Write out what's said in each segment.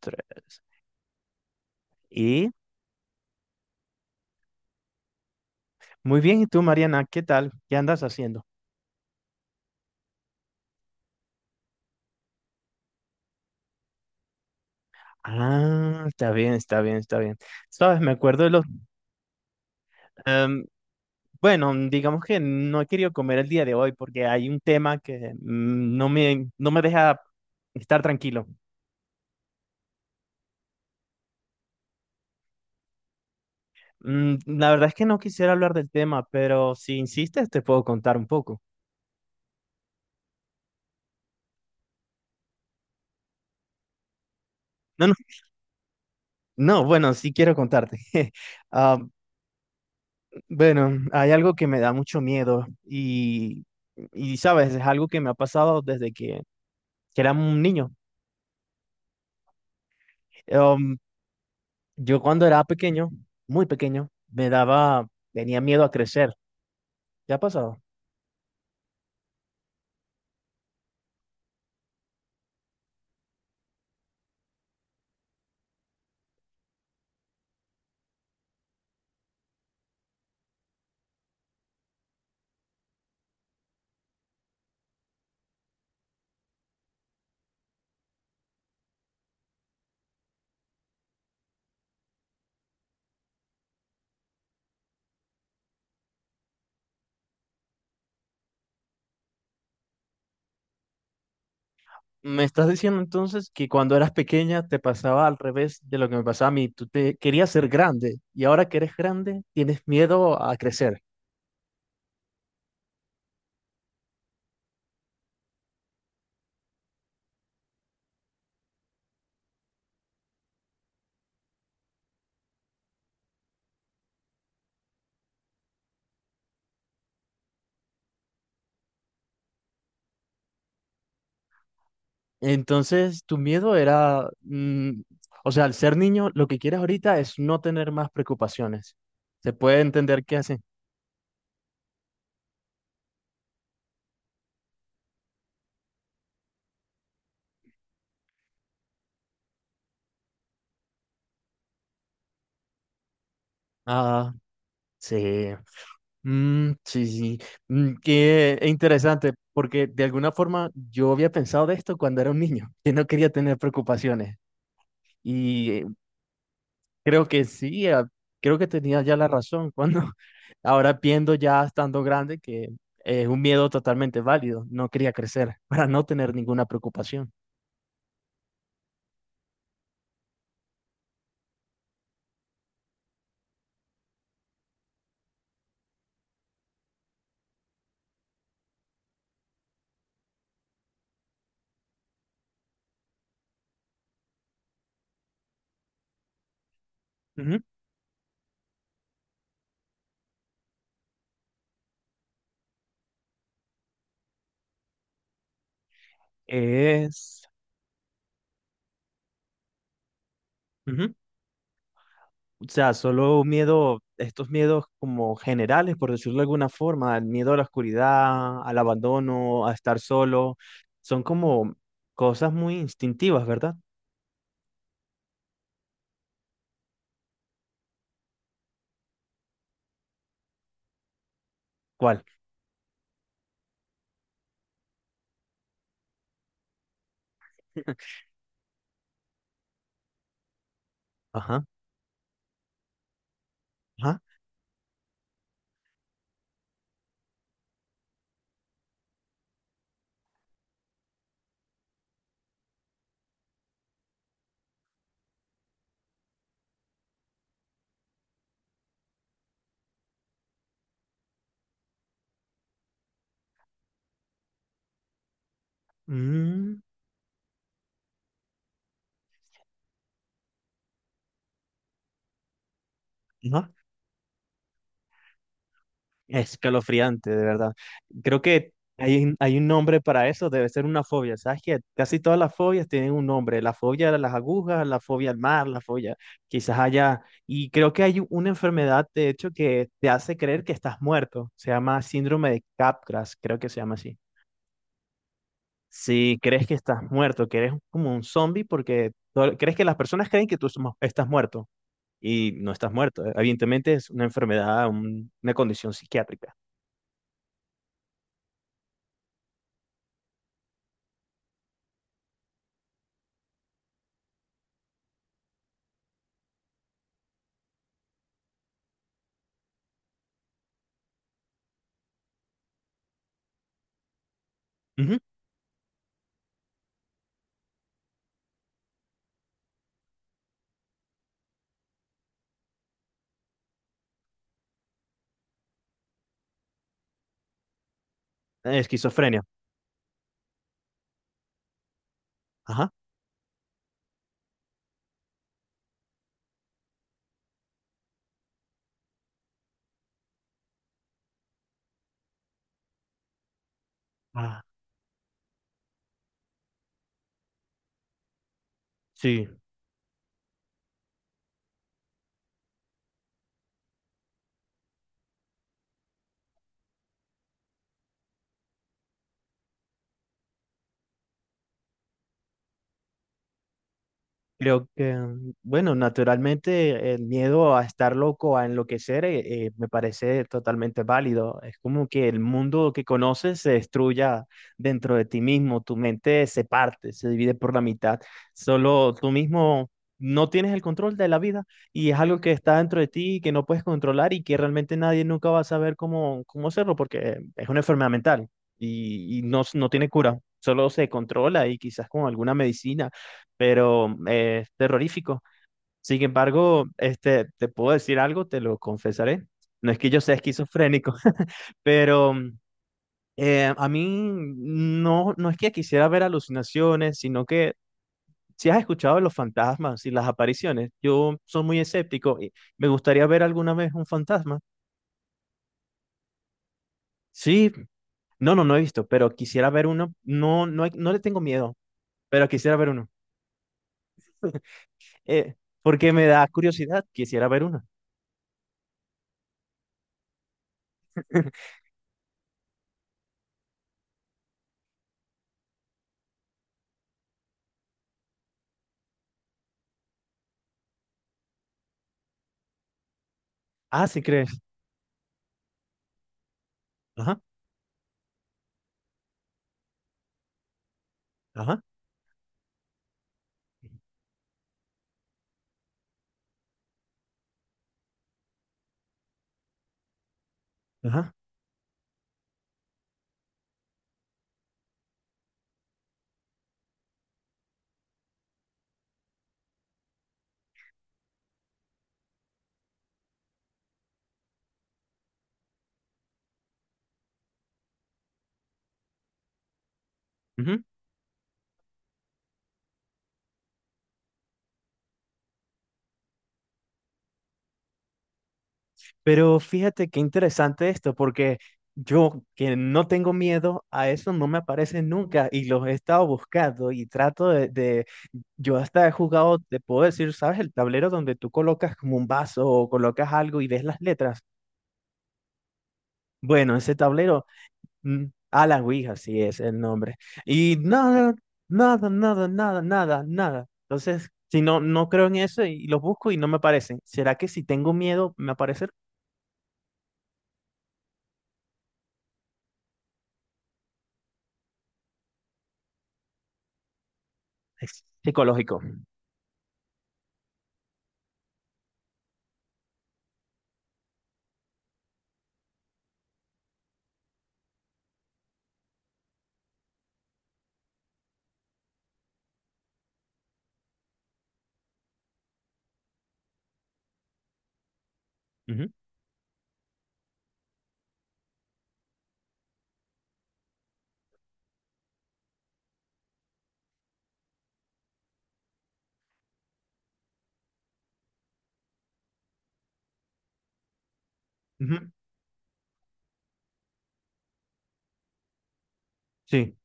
Tres. Y muy bien, ¿y tú, Mariana? ¿Qué tal? ¿Qué andas haciendo? Ah, está bien, está bien, está bien. Sabes, me acuerdo de los... em, bueno, digamos que no he querido comer el día de hoy porque hay un tema que no me deja estar tranquilo. Mm, la verdad es que no quisiera hablar del tema, pero si insistes te puedo contar un poco. No, no, no, bueno, sí quiero contarte. Ah, bueno, hay algo que me da mucho miedo y sabes, es algo que me ha pasado desde que era un niño. Um, yo cuando era pequeño, muy pequeño, me daba, tenía miedo a crecer. ¿Qué ha pasado? ¿Me estás diciendo entonces que cuando eras pequeña te pasaba al revés de lo que me pasaba a mí? Tú te querías ser grande y ahora que eres grande tienes miedo a crecer. Entonces, tu miedo era, o sea, al ser niño, lo que quieres ahorita es no tener más preocupaciones. ¿Se puede entender qué hace? Ah, sí. Mm, sí, sí. Mm, qué interesante, porque de alguna forma yo había pensado de esto cuando era un niño, que no quería tener preocupaciones. Y creo que sí, creo que tenía ya la razón cuando ahora viendo ya estando grande que es un miedo totalmente válido. No quería crecer para no tener ninguna preocupación. Ujú. Es, ujú. O sea, solo miedo, estos miedos como generales, por decirlo de alguna forma, el miedo a la oscuridad, al abandono, a estar solo, son como cosas muy instintivas, ¿verdad? ¿Cuál? Ajá, ajá, mm, ajá. Escalofriante, de verdad. Creo que hay un nombre para eso, debe ser una fobia. ¿Sabes que casi todas las fobias tienen un nombre. La fobia a las agujas, la fobia al mar, la fobia quizás allá. Y creo que hay una enfermedad, de hecho, que te hace creer que estás muerto. Se llama síndrome de Capgras, creo que se llama así. Si crees que estás muerto, que eres como un zombie porque crees que las personas creen que estás muerto y no estás muerto. Evidentemente es una enfermedad, una condición psiquiátrica. Esquizofrenia. Ajá. Ah, sí. Creo que, bueno, naturalmente el miedo a estar loco, a enloquecer, me parece totalmente válido. Es como que el mundo que conoces se destruya dentro de ti mismo, tu mente se parte, se divide por la mitad. Solo tú mismo no tienes el control de la vida y es algo que está dentro de ti y que no puedes controlar y que realmente nadie nunca va a saber cómo hacerlo porque es una enfermedad mental y no tiene cura. Solo se controla y quizás con alguna medicina pero es terrorífico. Sin embargo, este, te puedo decir algo, te lo confesaré. No es que yo sea esquizofrénico, pero a mí no, no es que quisiera ver alucinaciones, sino que si has escuchado de los fantasmas y las apariciones, yo soy muy escéptico y me gustaría ver alguna vez un fantasma. Sí, no, no, no he visto, pero quisiera ver uno. No, no, no le tengo miedo, pero quisiera ver uno. Eh, porque me da curiosidad, quisiera ver uno. Ah, sí crees. Ajá. Ajá, ajá. Ujú. Pero fíjate qué interesante esto, porque yo que no tengo miedo a eso, no me aparece nunca y los he estado buscando y trato yo hasta he jugado, te puedo decir, ¿sabes? El tablero donde tú colocas como un vaso o colocas algo y ves las letras. Bueno, ese tablero, mm, a la Ouija, sí es el nombre. Y nada, nada, nada, nada, nada, nada. Entonces, si no creo en eso y los busco y no me aparecen. ¿Será que si tengo miedo, me aparece? Es psicológico. Ujú, ujú, sí.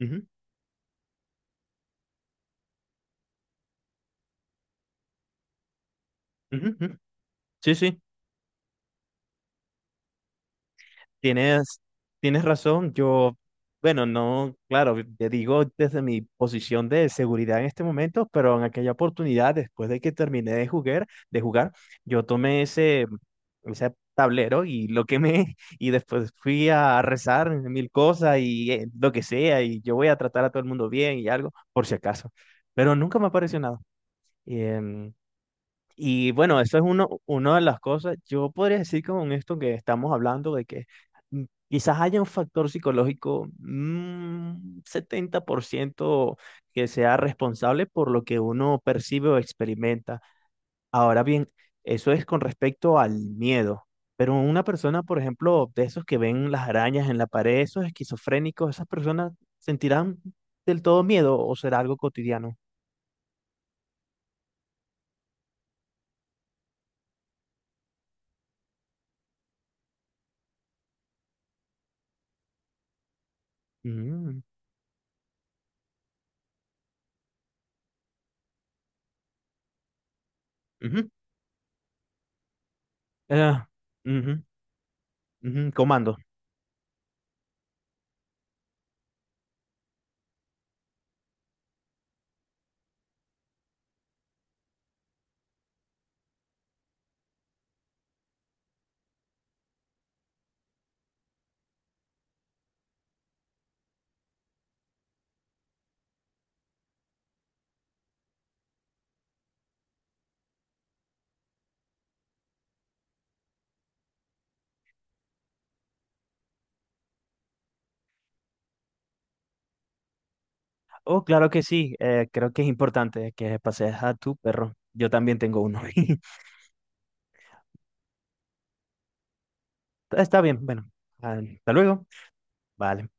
Ujú, ujú, ujú. Sí, sí. Tienes, tienes razón. Yo, bueno, no, claro, te digo desde mi posición de seguridad en este momento, pero en aquella oportunidad, después de que terminé de jugar, yo tomé ese tablero y lo quemé y después fui a rezar mil cosas y lo que sea y yo voy a tratar a todo el mundo bien y algo, por si acaso. Pero nunca me apareció nada. Em, Y bueno, eso es una de las cosas. Yo podría decir con esto que estamos hablando de que mm, quizás haya un factor psicológico, 70% que sea responsable por lo que uno percibe o experimenta. Ahora bien, eso es con respecto al miedo. Pero una persona, por ejemplo, de esos que ven las arañas en la pared, esos esquizofrénicos, esas personas sentirán del todo miedo o será algo cotidiano. Mm, ujú, eh, ujú, ujú, Comando. Oh, claro que sí. Creo que es importante que pasees a tu perro. Yo también tengo uno. Está bien, bueno. Ah, hasta luego. Vale.